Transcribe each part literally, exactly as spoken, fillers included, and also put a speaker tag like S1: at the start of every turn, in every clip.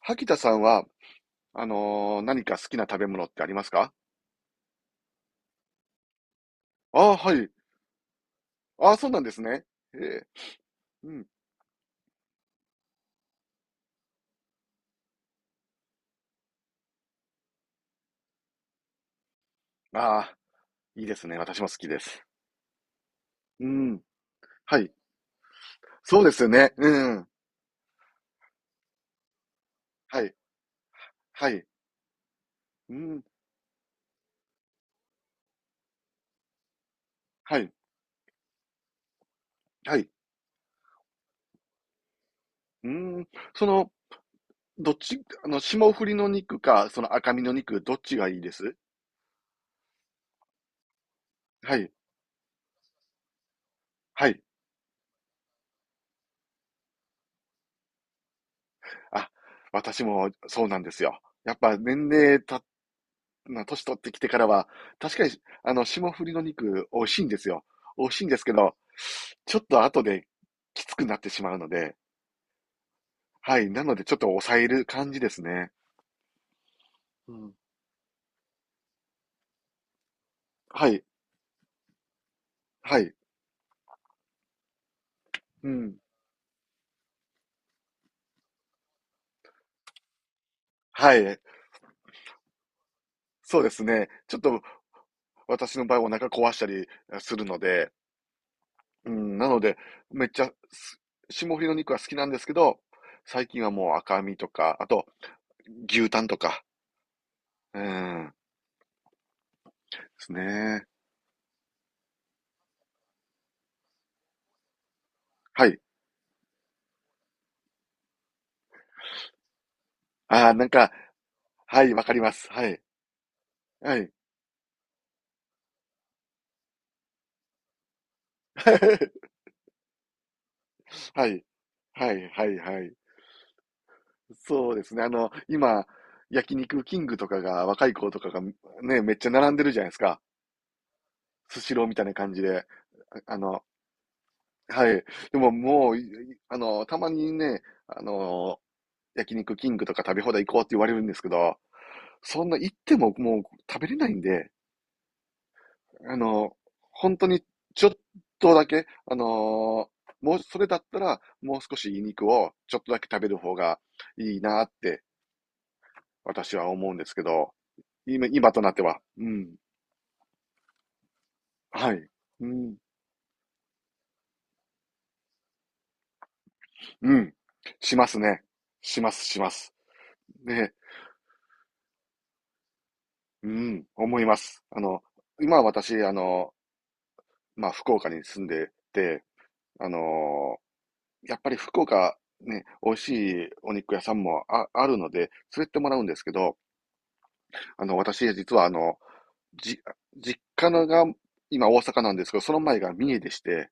S1: 萩田さんは、あのー何か好きな食べ物ってありますか？ああー、はい。ああ、そうなんですね。ええ、うん。ああ、いいですね。私も好きです。うん。はい。そうですよね。うん。はい。はい。うん。はい。はい。うん。その、どっち、あの、霜降りの肉か、その赤身の肉、どっちがいいですはい。はい。あ、私もそうなんですよ。やっぱ年齢、まあ、年取ってきてからは、確かに、あの、霜降りの肉、美味しいんですよ。美味しいんですけど、ちょっと後できつくなってしまうので、はい。なので、ちょっと抑える感じですね。うん。はい。はい。うん。はい。そうですね。ちょっと、私の場合、お腹壊したりするので、うん。なので、めっちゃ、す霜降りの肉は好きなんですけど、最近はもう赤身とか、あと、牛タンとか、うん。ですね。はい。ああ、なんか、はい、わかります。はい。はい。はい。はい、はい、はい。そうですね。あの、今、焼肉キングとかが、若い子とかが、ね、めっちゃ並んでるじゃないですか。スシローみたいな感じで。ああの、はい。でももう、いあの、たまにね、あの、焼肉キングとか食べ放題行こうって言われるんですけど、そんな行ってももう食べれないんで、あの、本当にちょっとだけ、あのーもう、それだったら、もう少しいい肉をちょっとだけ食べる方がいいなって私は思うんですけど、今、今となっては。うん。はい。うん。うん。しますね。します、します。ね。うん。思います。あの、今私、あの、まあ、福岡に住んでて、あのーやっぱり福岡、ね、美味しいお肉屋さんもあ、あるので、連れてってもらうんですけど、あの、私、実はあの、じ、実家のが今大阪なんですけど、その前が三重でして、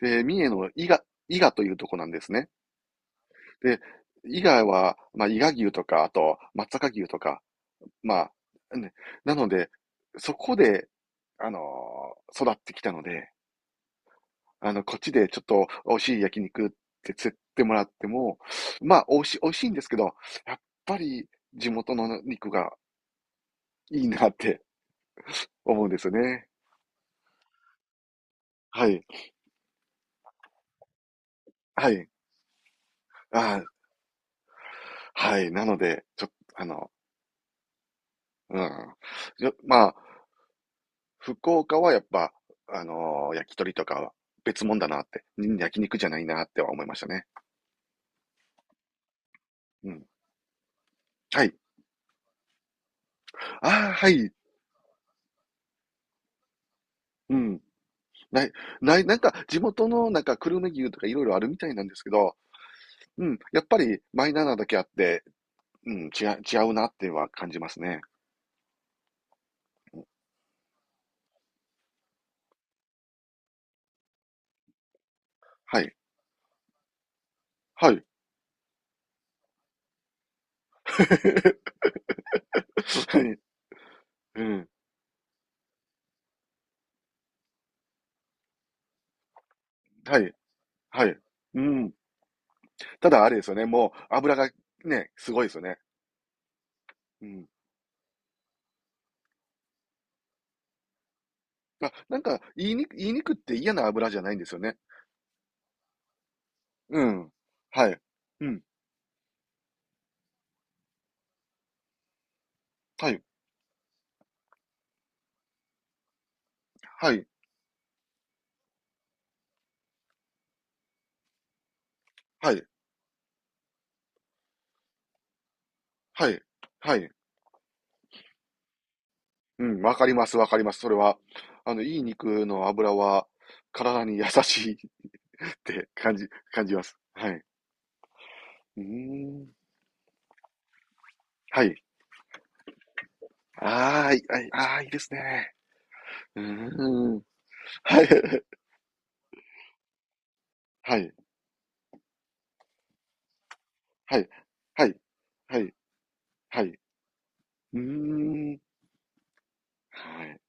S1: で、三重の伊賀、伊賀というとこなんですね。で、伊賀は、まあ、伊賀牛とか、あと、松阪牛とか、まあ、ね、なので、そこで、あのー育ってきたので、あの、こっちでちょっと美味しい焼肉って釣ってもらっても、まあ、美味しい、美味しいんですけど、やっぱり地元の肉がいいなって思うんですよね。はい。はい。ああ、はい。なので、ちょっと、あの、うん。よまあ、福岡はやっぱ、あのー焼き鳥とかは別物だなって、ん焼肉じゃないなっては思いましたね。うん。はい。ああ、はい。うん。ない、ない、なんか地元のなんか久留米牛とかいろいろあるみたいなんですけど、うん。やっぱりマイナーなだけあって、うん、違う、違うなっていうのは感じますね。はい。はい。はい。うん。はい。はい。うん。ただあれですよね。もう油がね、すごいですよね。うん。あ、なんか、言いにく、言いにくって嫌な油じゃないんですよね。うん。はい。うん。はい。はい。はい。はい。はい。うん。わかります。わかります。それは。あの、いい肉の油は、体に優しいって感じ、感じます。はい。うーん。はい。ああ、いいはい。ああ、いいですね。うーん。はい。はい。はい。はい。はい。はい。うーん。はい。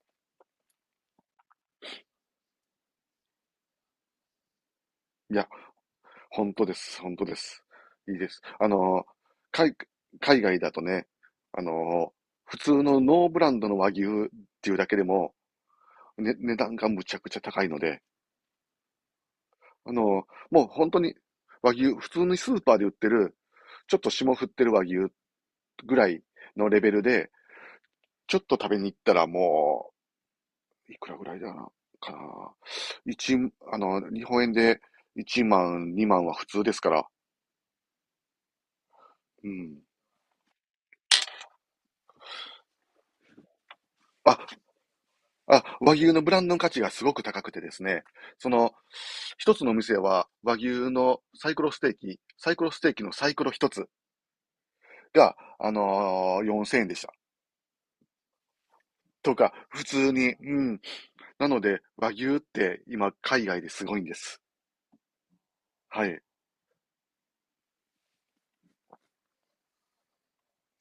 S1: いや本当です。本当です。いいです。あの、海、海外だとね、あの、普通のノーブランドの和牛っていうだけでも、ね、値段がむちゃくちゃ高いので、あの、もう本当に和牛、普通にスーパーで売ってる、ちょっと霜降ってる和牛ぐらいのレベルで、ちょっと食べに行ったらもう、いくらぐらいだな、かな。一、あの、日本円でいちまん、にまんは普通ですから。うん。あ、あ、和牛のブランドの価値がすごく高くてですね、その、一つのお店は和牛のサイコロステーキ、サイコロステーキのサイコロ一つが、あのーよんせんえんでした。とか、普通に、うん。なので、和牛って今、海外ですごいんです。はい。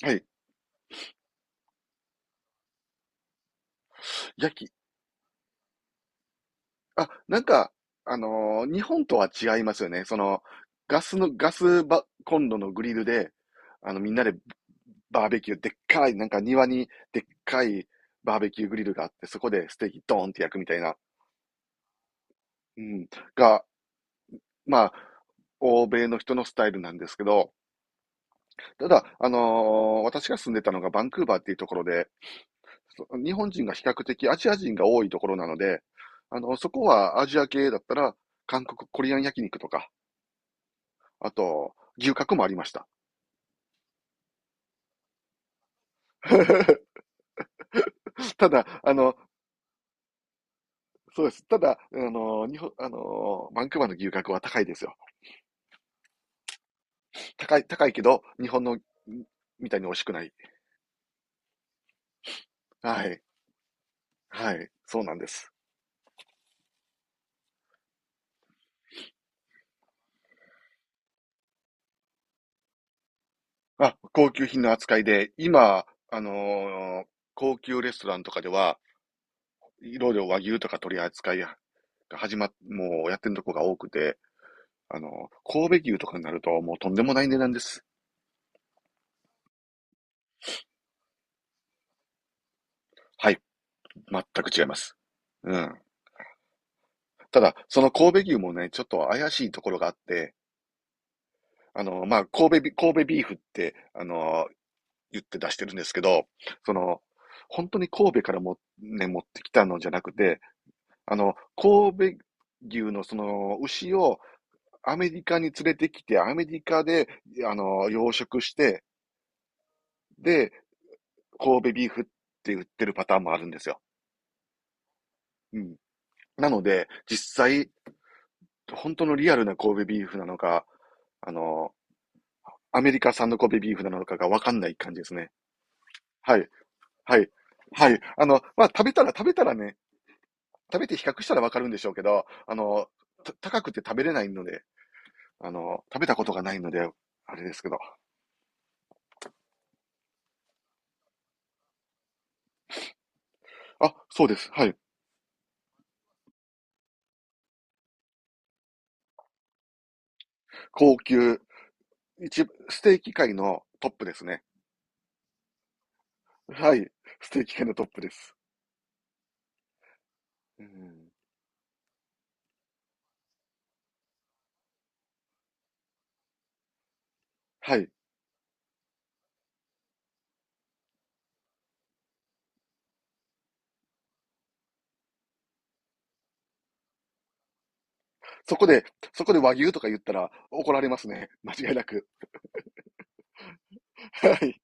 S1: はい。焼き、あ、なんか、あのー日本とは違いますよね。その、ガスの、ガスばコンロのグリルで、あの、みんなでバーベキュー、でっかい、なんか庭にでっかいバーベキューグリルがあって、そこでステーキドーンって焼くみたいな、うん、が、まあ、欧米の人のスタイルなんですけど、ただ、あのー私が住んでたのがバンクーバーっていうところで、そ日本人が比較的アジア人が多いところなので、あの、そこはアジア系だったら、韓国コリアン焼肉とか、あと、牛角もありました。ただ、あの、そうです。ただ、あの、日本、あの、バンクーバーの牛角は高いですよ。高い、高いけど、日本の、んみたいに美味しくない。はい。はい。そうなんです。あ、高級品の扱いで、今、あのー高級レストランとかでは、いろいろ和牛とか取り扱いが始まっ、もうやってるとこが多くて、あのー神戸牛とかになるともうとんでもない値段です。はい。全く違います。うん。ただ、その神戸牛もね、ちょっと怪しいところがあって、あの、まあ、神戸ビ、神戸ビーフって、あの、言って出してるんですけど、その、本当に神戸からも、ね、持ってきたのじゃなくて、あの、神戸牛のその牛をアメリカに連れてきて、アメリカで、あの、養殖して、で、神戸ビーフって売ってるパターンもあるんですよ。うん。なので、実際、本当のリアルな神戸ビーフなのか、あの、アメリカ産の神戸ビーフなのかがわかんない感じですね。はい。はい。はい。あの、まあ、食べたら食べたらね、食べて比較したらわかるんでしょうけど、あの、た高くて食べれないので、あの、食べたことがないので、あれですけど。あ、そうです。はい。高級、一、ステーキ界のトップですね。はい。ステーキ界のトップです。うん。はい。そこで、そこで和牛とか言ったら怒られますね。間違いなく。はい。